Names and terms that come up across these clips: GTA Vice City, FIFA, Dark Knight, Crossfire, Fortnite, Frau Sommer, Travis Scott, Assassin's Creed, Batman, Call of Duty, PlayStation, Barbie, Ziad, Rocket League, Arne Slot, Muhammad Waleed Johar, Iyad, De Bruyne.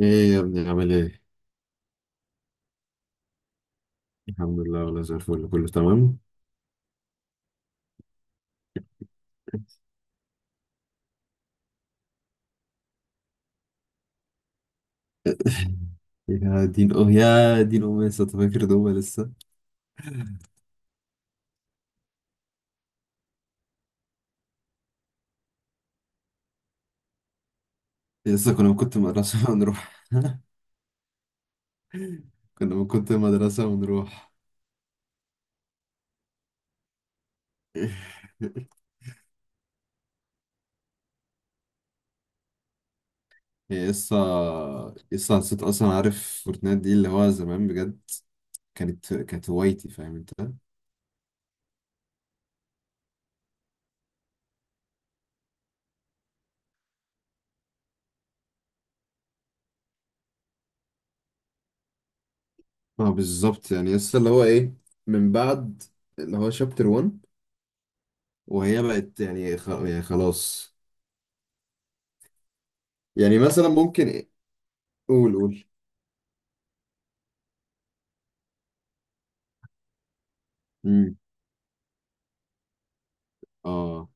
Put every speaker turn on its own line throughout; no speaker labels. ايه يا ابني عامل ايه؟ الحمد لله والله زي الفل كله تمام. يا دين يا دين امي لسه أنت فاكر دوبا؟ لسه لسه كنا من كنت مدرسة ونروح. كنا من كنت مدرسة ونروح. هي لسه حسيت اصلا، عارف فورتنايت دي اللي هو زمان بجد كانت هوايتي؟ فاهم انت؟ اه بالظبط، يعني لسه اللي هو ايه، من بعد اللي هو شابتر 1 وهي بقت يعني خلاص. يعني مثلا ممكن. قول قول. امم. اه.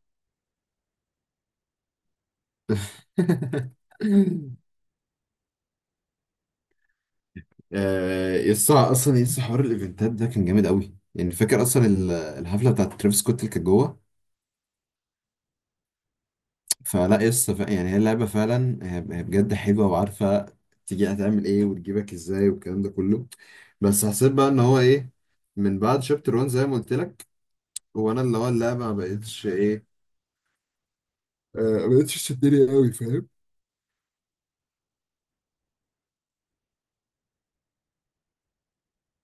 آه، يسطا، اصلا يسطا حوار الايفنتات ده كان جامد قوي، يعني فاكر اصلا الحفله بتاعت ترافيس سكوت اللي كانت جوه؟ فلا يسطا، يعني هي اللعبه فعلا، هي بجد حلوه، وعارفه تيجي هتعمل ايه وتجيبك ازاي والكلام ده كله. بس حسيت بقى ان هو ايه، من بعد شابتر 1 زي ما قلت لك، هو انا اللي هو اللعبه ما بقتش ايه، آه، ما بقتش تشدني قوي، فاهم؟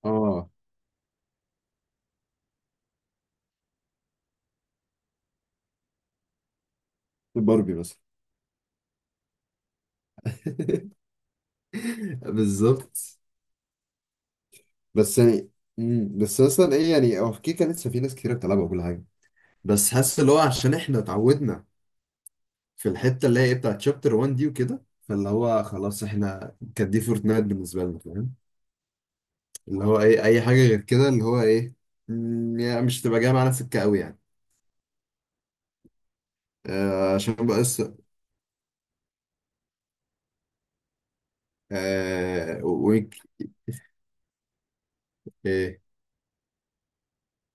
اه باربي مثلا. بالظبط. بس يعني مم. بس مثلا ايه، يعني هو في كيكه لسه في ناس كتير بتلعبها وكل حاجه، بس حاسس اللي هو عشان احنا اتعودنا في الحته اللي هي ايه بتاعت شابتر 1 دي وكده، فاللي هو خلاص، احنا كانت دي فورتنايت بالنسبه لنا، فاهم؟ اللي هو ايه، اي حاجه غير كده اللي هو ايه، يعني مش تبقى جايه معانا سكه قوي يعني. عشان بقى لسه، ويك. ايه.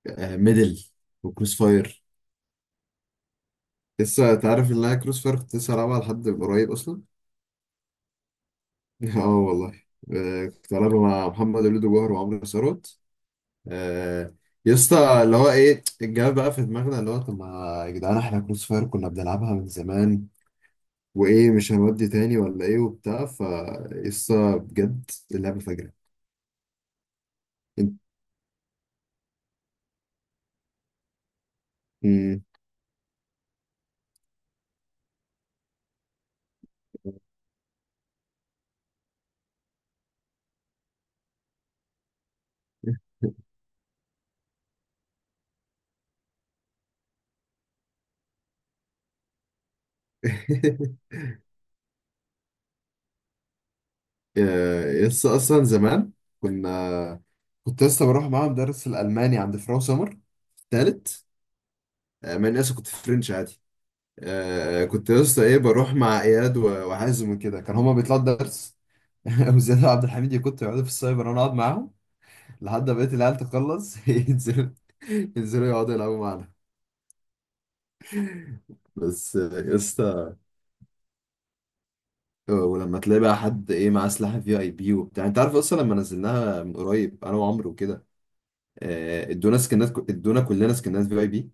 ميدل، وكروس فاير. لسه تعرف ان انا كروس فاير كنت لسه هلعبها لحد قريب اصلا؟ اه والله. كنت بلعب مع محمد وليد وجوهر وعمرو ثروت. آه، يا اسطى، اللي هو ايه، الجواب بقى في دماغنا اللي هو، طب ما يا جدعان، احنا كروس فاير كنا بنلعبها من زمان، وايه مش هنودي تاني ولا ايه وبتاع، ف يا اسطى بجد اللعبه فجره. انت- مم. يا اسطى اصلا زمان كنا، كنت لسه بروح معاهم درس الالماني عند فراو سمر تالت. مع اني اصلا كنت في فرنش عادي. كنت لسه ايه، بروح مع اياد وحازم وكده، كان هما بيطلعوا درس. وزياد وعبد الحميد يكونوا يقعدوا في السايبر وانا اقعد معاهم. لحد ما بقيت العيال تخلص ينزلوا يقعدوا يلعبوا معانا. بس يا اسطى، ولما تلاقي بقى حد ايه، معاه سلاح في اي بي وبتاع، انت عارف اصلا لما نزلناها من قريب انا وعمرو وكده، ادونا سكنات، ادونا كلنا سكنات في اي بي.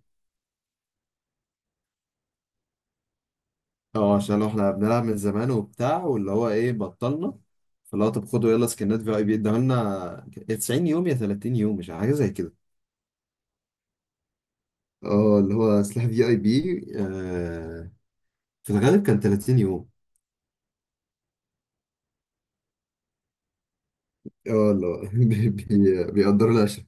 اه عشان احنا بنلعب من زمان وبتاع، واللي هو ايه بطلنا، فاللي هو طب خدوا يلا سكنات في اي بي، اداها لنا يا 90 يوم يا 30 يوم مش عارف، حاجه زي كده. اه اللي هو سلاح في اي بي، في الغالب كان 30 يوم. اه اللي هو بيقدروا العشاء.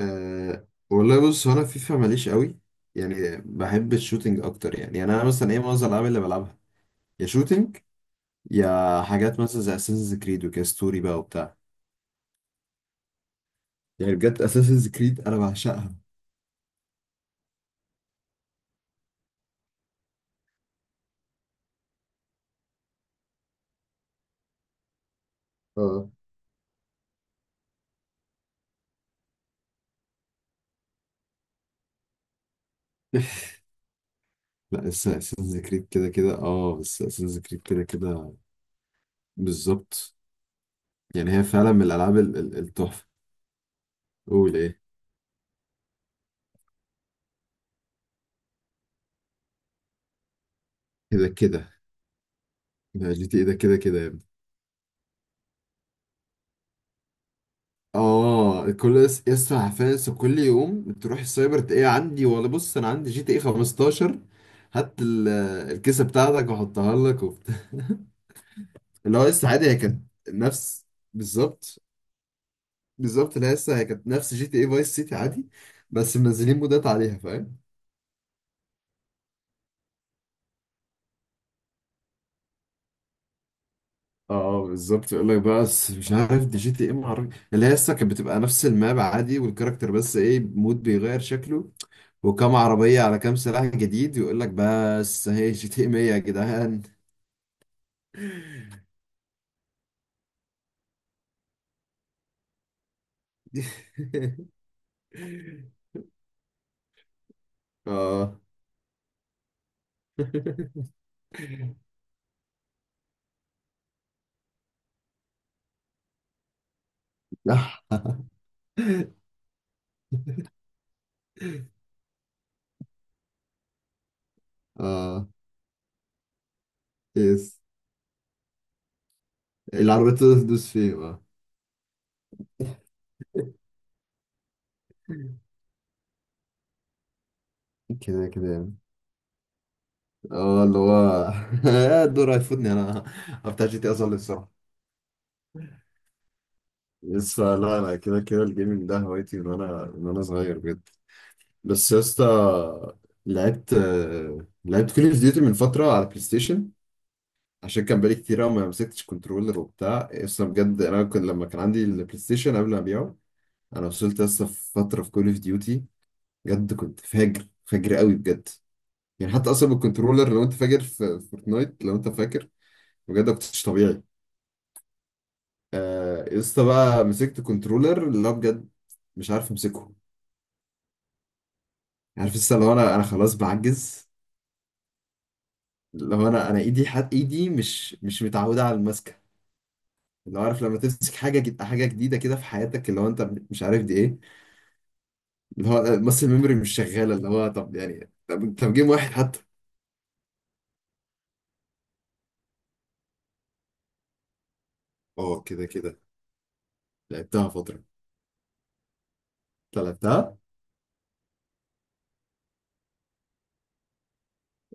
والله بص، هو انا فيفا ماليش قوي، يعني بحب الشوتينج اكتر، يعني، يعني انا مثلا ايه، معظم الالعاب اللي بلعبها يا شوتينج، يا حاجات مثلا زي اساسنز كريد وكده ستوري بقى وبتاع. يعني بجد اساسنز كريد انا بعشقها. اه. لا لسه اساسنز كريد كده كده، اه بس اساسنز كريد كده كده. بالظبط. يعني هي فعلا من الالعاب التحفه. قول ايه. كده كده. لا جي تي ايه ده كده كده يا ابني. اه كل يسطا عارفين، لسه كل يوم تروح السايبر تلاقيه عندي، ولا بص انا عندي جي تي ايه 15، هات الكيسه بتاعتك واحطها لك وبتاع. اللي هو لسه عادي، هي كانت نفس. بالظبط، بالظبط، اللي هي لسه هي كانت نفس جي تي ايه فايس سيتي عادي، بس منزلين مودات عليها فاهم. اه. بالظبط، يقول لك بقى بس مش عارف، دي جي تي ايه معرفش، اللي هي لسه كانت بتبقى نفس الماب عادي والكاركتر، بس ايه، مود بيغير شكله وكم عربية على كام سلاح جديد، ويقول لك بس هي جي تي 100 يا جدعان. اه صح. اه يس، العربية تقدر تدوس فيه اه. كده كده يعني. اه اللي هو الدور هيفوتني انا، بتاع جي تي إيه اصلي بسرعة. يس. لا لا كده كده، الجيمنج ده هوايتي من وانا صغير بجد. بس يا اسطى لعبت، لعبت كول اوف ديوتي من فتره على بلاي ستيشن، عشان كان بقالي كتير أوي ما مسكتش كنترولر وبتاع اصلا، بجد انا كنت لما كان عندي البلاي ستيشن قبل ما ابيعه، انا وصلت لسه في فتره في كول اوف ديوتي، بجد كنت فاجر فاجر قوي بجد. يعني حتى اصلا بالكنترولر، لو انت فاجر في فورتنايت، لو انت فاكر، بجد ما كنتش طبيعي. لسه بقى مسكت كنترولر اللي هو بجد مش عارف امسكه. عارف لسه، لو انا خلاص بعجز. لو انا ايدي، ايدي مش متعوده على المسكه. اللي هو، عارف لما تمسك حاجه حاجه جديده كده في حياتك، اللي هو انت مش عارف دي ايه. اللي هو المسل ميموري مش شغاله، اللي هو طب يعني طب, جيم واحد حتى. اه كده كده. لعبتها فتره. انت لعبتها؟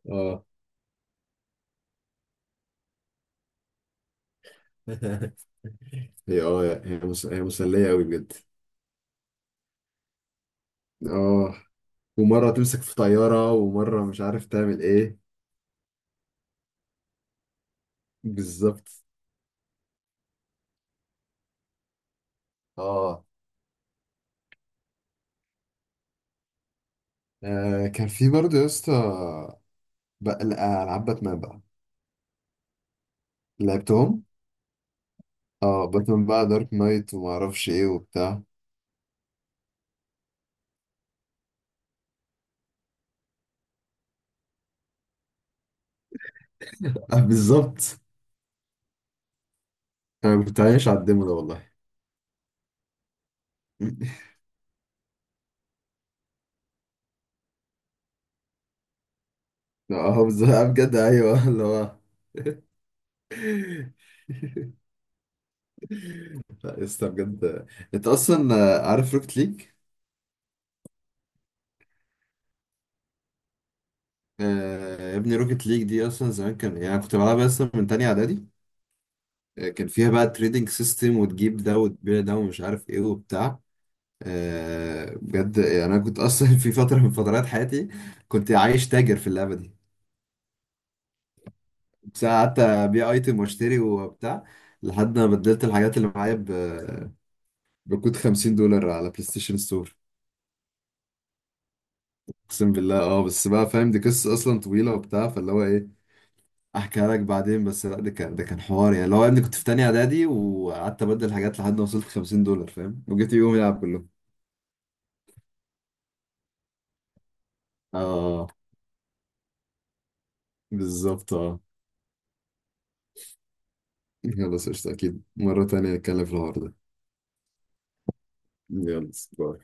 اه. هي اه، هي مسليه قوي بجد. اه، ومره تمسك في طياره، ومره مش عارف تعمل ايه. بالظبط. اه كان في برضه يا اسطى بقى العاب باتمان بقى، لعبتهم. اه باتمان بقى دارك نايت وما اعرفش ايه وبتاع. بالظبط. انا كنت عايش على الدemo ده والله. اه بالظبط. بجد ايوه اللي هو. لا لسه بجد، انت اصلا، عارف روكت ليج؟ يا ابني روكت ليج دي اصلا زمان كان، يعني أنا كنت بلعبها اصلا من تانية اعدادي. كان فيها بقى تريدنج سيستم، وتجيب ده وتبيع ده ومش عارف ايه وبتاع. بجد يعني انا كنت اصلا في فترة من فترات حياتي كنت عايش تاجر في اللعبة. بس أنا قعدت ابيع ايتم واشتري وبتاع، لحد ما بدلت الحاجات اللي معايا بكود 50$ على بلاي ستيشن ستور. اقسم بالله. اه بس بقى، فاهم دي قصه اصلا طويله وبتاع، فاللي هو ايه احكيها لك بعدين، بس لا ده كان حوار يعني اللي هو، يا ابني كنت في تانية اعدادي وقعدت ابدل حاجات لحد ما وصلت 50$ فاهم، وجيت يوم يلعب كله. اه بالظبط اه. خلاص قشطة، اكيد مره تانية نتكلم في الحوار ده. يلا باي.